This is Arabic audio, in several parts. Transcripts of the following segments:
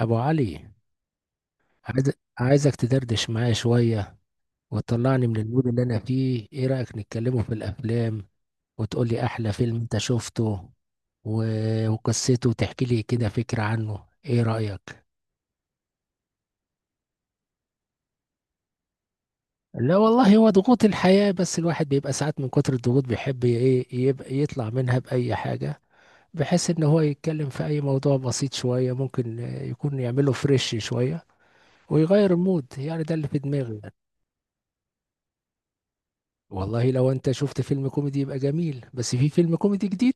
ابو علي، عايز عايزك تدردش معايا شويه وتطلعني من المود اللي انا فيه. ايه رايك نتكلموا في الافلام وتقول لي احلى فيلم انت شفته وقصته وتحكي لي كده فكره عنه؟ ايه رايك؟ لا والله، هو ضغوط الحياه، بس الواحد بيبقى ساعات من كتر الضغوط بيحب ي- ايه يبقى يطلع منها باي حاجه. بحيث ان هو يتكلم في اي موضوع بسيط شويه ممكن يكون يعمله فريش شويه ويغير المود. يعني ده اللي في دماغي. والله لو انت شفت فيلم كوميدي يبقى جميل. بس في فيلم كوميدي جديد؟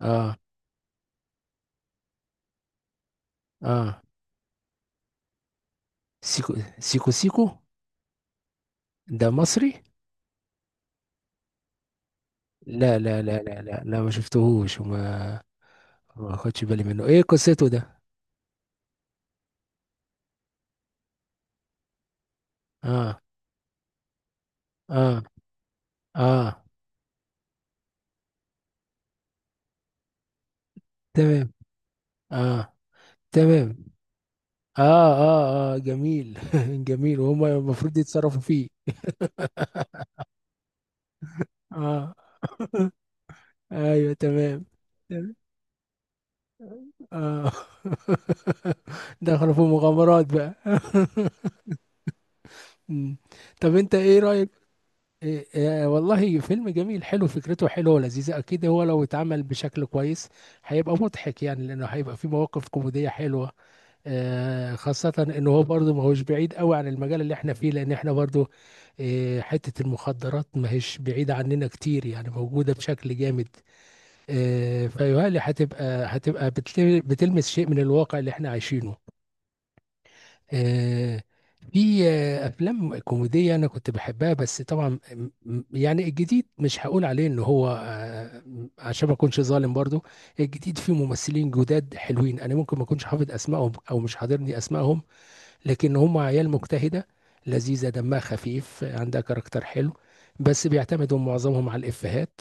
اه. اه. سيكو سيكو سيكو؟ ده مصري؟ لا لا لا لا لا لا، ما شفتهوش وما ما خدش بالي منه. ايه قصته ده؟ اه. اه. اه. تمام. اه. تمام. اه. اه. اه جميل جميل. وهم المفروض يتصرفوا فيه. اه ايوه تمام. تمام. اه دخلوا في مغامرات بقى مم. طب انت ايه رأيك؟ إيه إيه والله فيلم جميل، حلو فكرته، حلوة ولذيذة. أكيد هو لو اتعمل بشكل كويس هيبقى مضحك. يعني لأنه هيبقى فيه مواقف كوميدية حلوة. آه خاصة إنه هو برضه ما هوش بعيد قوي عن المجال اللي إحنا فيه، لأن إحنا برضه آه حتة المخدرات ما هيش بعيدة عننا كتير، يعني موجودة بشكل جامد. آه فيهيألي هتبقى بتلمس شيء من الواقع اللي إحنا عايشينه. آه، في افلام كوميديه انا كنت بحبها. بس طبعا يعني الجديد مش هقول عليه ان هو عشان ما اكونش ظالم برضو. الجديد فيه ممثلين جداد حلوين. انا ممكن ما اكونش حافظ اسمائهم او مش حاضرني اسمائهم، لكن هم عيال مجتهده، لذيذه، دمها خفيف، عندها كاركتر حلو، بس بيعتمدوا معظمهم على الافيهات.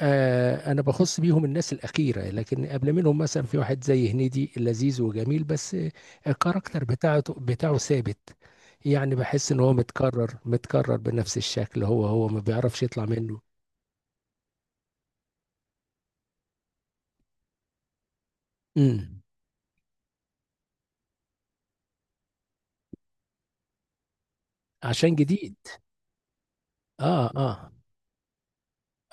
انا بخص بيهم الناس الاخيره. لكن قبل منهم مثلا في واحد زي هنيدي، لذيذ وجميل، بس الكاركتر بتاعه ثابت. يعني بحس ان هو متكرر متكرر بنفس الشكل. هو هو ما بيعرفش يطلع منه. امم عشان جديد. اه اه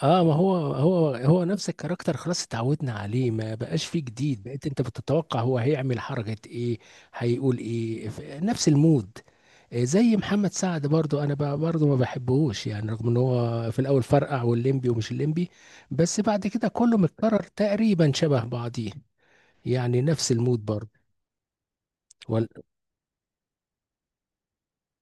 اه ما هو هو هو نفس الكاركتر، خلاص اتعودنا عليه، ما بقاش فيه جديد. بقيت انت بتتوقع هو هيعمل حركة ايه، هيقول ايه نفس المود. زي محمد سعد برضو انا برضو ما بحبهوش يعني، رغم ان هو في الاول فرقع والليمبي ومش الليمبي، بس بعد كده كله متكرر تقريبا شبه بعضيه، يعني نفس المود برضو.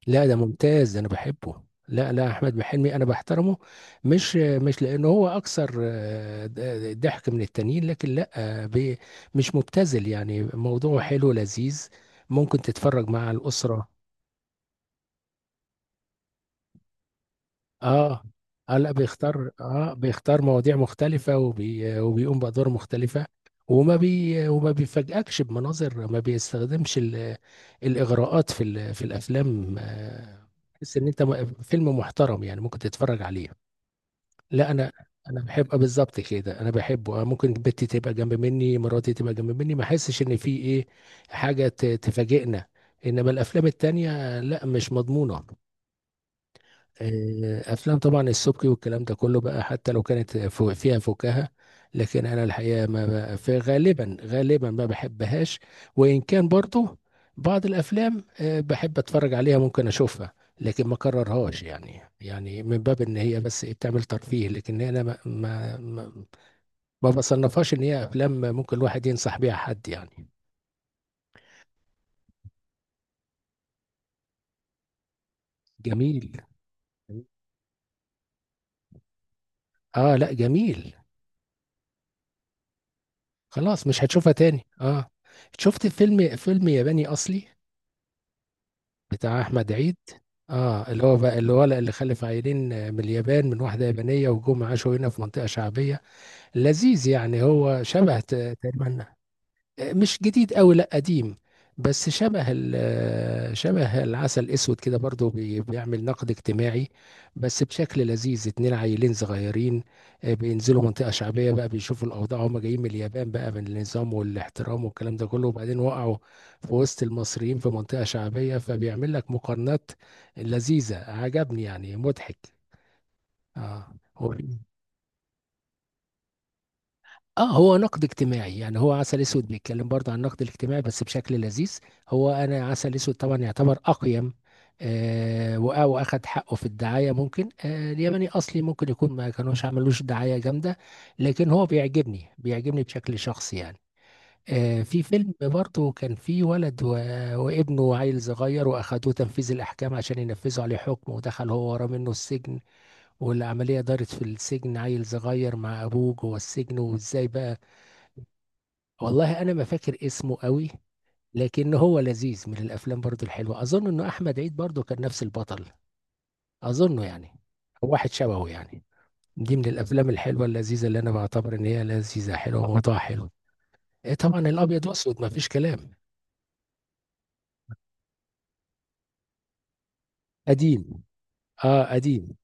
لا ده ممتاز ده، انا بحبه. لا لا، احمد حلمي انا بحترمه. مش لانه هو اكثر ضحك من التانيين. لكن لا، آه، بي- مش مبتذل يعني، موضوع حلو لذيذ، ممكن تتفرج مع الاسره. اه اه، لا بيختار، بيختار مواضيع مختلفه، وبيقوم بادوار مختلفه، وما بيفاجئكش بمناظر. ما بيستخدمش الاغراءات في الافلام. تحس ان انت فيلم محترم يعني ممكن تتفرج عليه. لا، انا بحب. بالظبط كده انا بحبه. ممكن بنتي تبقى جنب مني، مراتي تبقى جنب مني، ما احسش ان في ايه حاجه تفاجئنا. انما الافلام التانية لا، مش مضمونه. افلام طبعا السبكي والكلام ده كله بقى، حتى لو كانت فيها فكاهه. لكن انا الحقيقه ما بقى في غالبا غالبا ما بحبهاش. وان كان برضو بعض الافلام بحب اتفرج عليها، ممكن اشوفها، لكن ما كررهاش. يعني من باب ان هي بس بتعمل ترفيه. لكن انا ما بصنفهاش ان هي افلام ممكن الواحد ينصح بيها حد يعني. جميل. اه لا جميل. خلاص مش هتشوفها تاني. اه شفت فيلم ياباني اصلي بتاع احمد عيد. اه اللي هو بقى الولد اللي خلف عيلين من اليابان، من واحده يابانيه، وجم عاشوا هنا في منطقه شعبيه. لذيذ يعني، هو شبه تقريبا. مش جديد قوي لا، قديم. بس شبه شبه العسل الاسود كده، برضو بيعمل نقد اجتماعي بس بشكل لذيذ. اتنين عيلين صغيرين. بينزلوا منطقة شعبية بقى، بيشوفوا الأوضاع. هما جايين من اليابان بقى، من النظام والاحترام والكلام ده كله، وبعدين وقعوا في وسط المصريين في منطقة شعبية، فبيعمل لك مقارنات لذيذة. عجبني يعني مضحك. اه اه هو نقد اجتماعي يعني. هو عسل اسود بيتكلم برضه عن النقد الاجتماعي بس بشكل لذيذ. هو انا عسل اسود طبعا يعتبر اقيم. واخد حقه في الدعايه. ممكن الياباني اصلي ممكن يكون ما كانوش عملوش دعايه جامده. لكن هو بيعجبني بيعجبني بشكل شخصي يعني. في فيلم برضه كان فيه ولد وابنه عيل صغير، واخدوه تنفيذ الاحكام عشان ينفذوا عليه حكم، ودخل هو وراه منه السجن. والعمليه دارت في السجن، عيل صغير مع ابوه جوه السجن وازاي بقى. والله انا ما فاكر اسمه قوي. لكن هو لذيذ، من الافلام برضو الحلوه. اظن انه احمد عيد برضو كان نفس البطل، اظنه يعني، او واحد شبهه يعني. دي من الافلام الحلوه اللذيذه اللي انا بعتبر ان هي لذيذه حلوه، وموضوعها حلو. إيه طبعا الابيض واسود ما فيش كلام. قديم. اه قديم.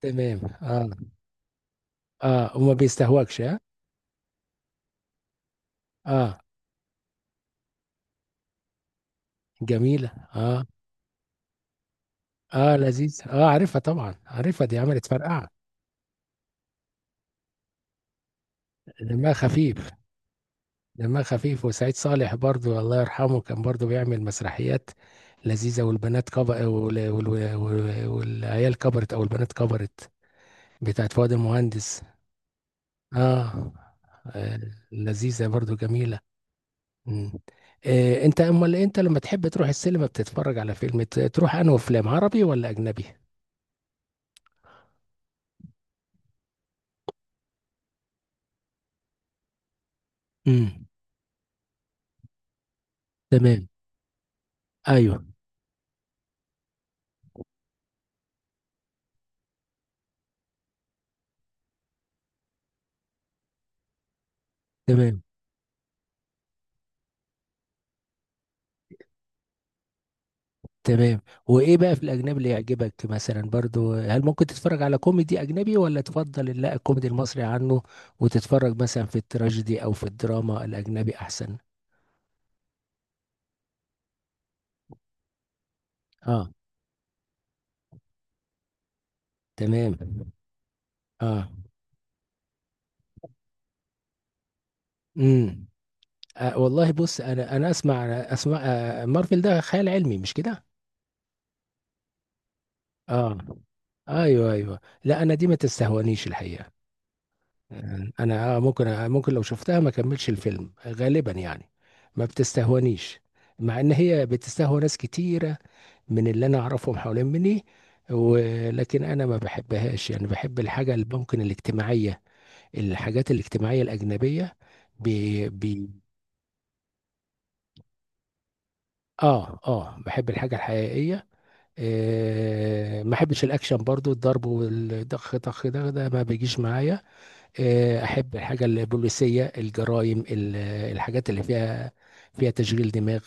تمام. اه اه وما بيستهواكش. اه اه جميله. اه اه لذيذ. اه عارفها طبعا عارفها، دي عملت فرقعه. دمها خفيف. دمها خفيف وسعيد صالح برضو الله يرحمه كان برضو بيعمل مسرحيات لذيذة. والبنات كبر والعيال كبرت أو البنات كبرت بتاعت فؤاد المهندس. آه آه، لذيذة برضو جميلة. مم. أنت أمال أنت لما تحب تروح السينما بتتفرج على فيلم تروح أنه فيلم عربي ولا أجنبي؟ امم. تمام. ايوه تمام. تمام. وايه بقى في الاجنبي اللي يعجبك مثلا برضو؟ هل ممكن تتفرج على كوميدي اجنبي، ولا تفضل لا الكوميدي المصري عنه؟ وتتفرج مثلا في التراجيدي او في الدراما الاجنبي احسن؟ اه تمام. اه. امم. والله بص، انا اسمع مارفل ده خيال علمي، مش كده؟ اه. ايوه ايوه. لا انا دي ما تستهونيش الحقيقة. انا ممكن لو شفتها ما كملش الفيلم غالبا يعني، ما بتستهونيش. مع ان هي بتستهوى ناس كتيرة من اللي انا اعرفهم حوالين مني. ولكن انا ما بحبهاش يعني، بحب الحاجة اللي ممكن الاجتماعية، الحاجات الاجتماعية الاجنبية. بي بي اه اه بحب الحاجة الحقيقية. ما بحبش الاكشن برضو، الضرب والدخ طخ ده ما بيجيش معايا. احب الحاجه البوليسيه، الجرائم، الحاجات اللي فيها تشغيل دماغ،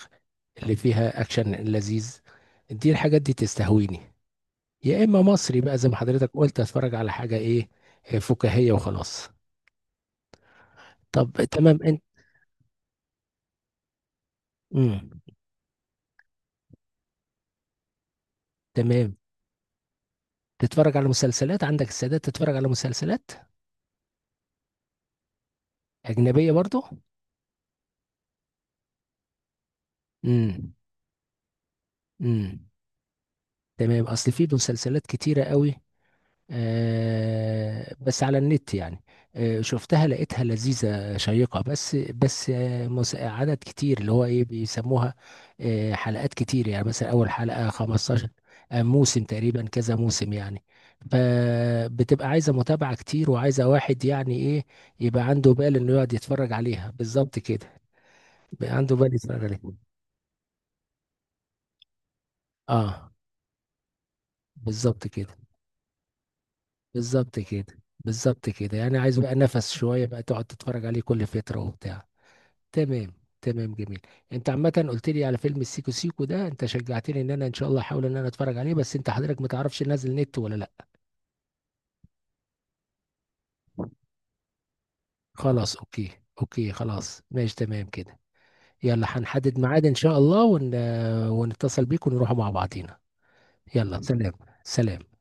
اللي فيها اكشن لذيذ. دي الحاجات دي تستهويني. يا اما مصري بقى زي ما حضرتك قلت، اتفرج على حاجه ايه فكاهيه وخلاص. طب تمام. انت. مم. تمام. تتفرج على مسلسلات، عندك السادات، تتفرج على مسلسلات اجنبيه برضو. امم. امم. تمام، اصل في مسلسلات كتيره قوي. بس على النت يعني. شفتها لقيتها لذيذة شيقة، بس بس عدد كتير، اللي هو ايه بيسموها، حلقات كتير. يعني مثلا اول حلقة 15، موسم تقريبا، كذا موسم يعني. فبتبقى عايزة متابعة كتير، وعايزة واحد يعني ايه، يبقى عنده بال انه يقعد يتفرج عليها بالظبط كده، يبقى عنده بال يتفرج عليها. اه بالظبط كده. بالظبط كده. بالظبط كده يعني، عايز بقى نفس شوية بقى تقعد تتفرج عليه كل فترة وبتاع. تمام. تمام جميل. انت عامه قلت لي على فيلم السيكو سيكو ده، انت شجعتني ان انا ان شاء الله احاول ان انا اتفرج عليه، بس انت حضرتك ما تعرفش نازل نت ولا لا. خلاص اوكي. اوكي خلاص ماشي تمام كده. يلا هنحدد ميعاد ان شاء الله، ونتصل بيك ونروح مع بعضينا. يلا سلام. سلام.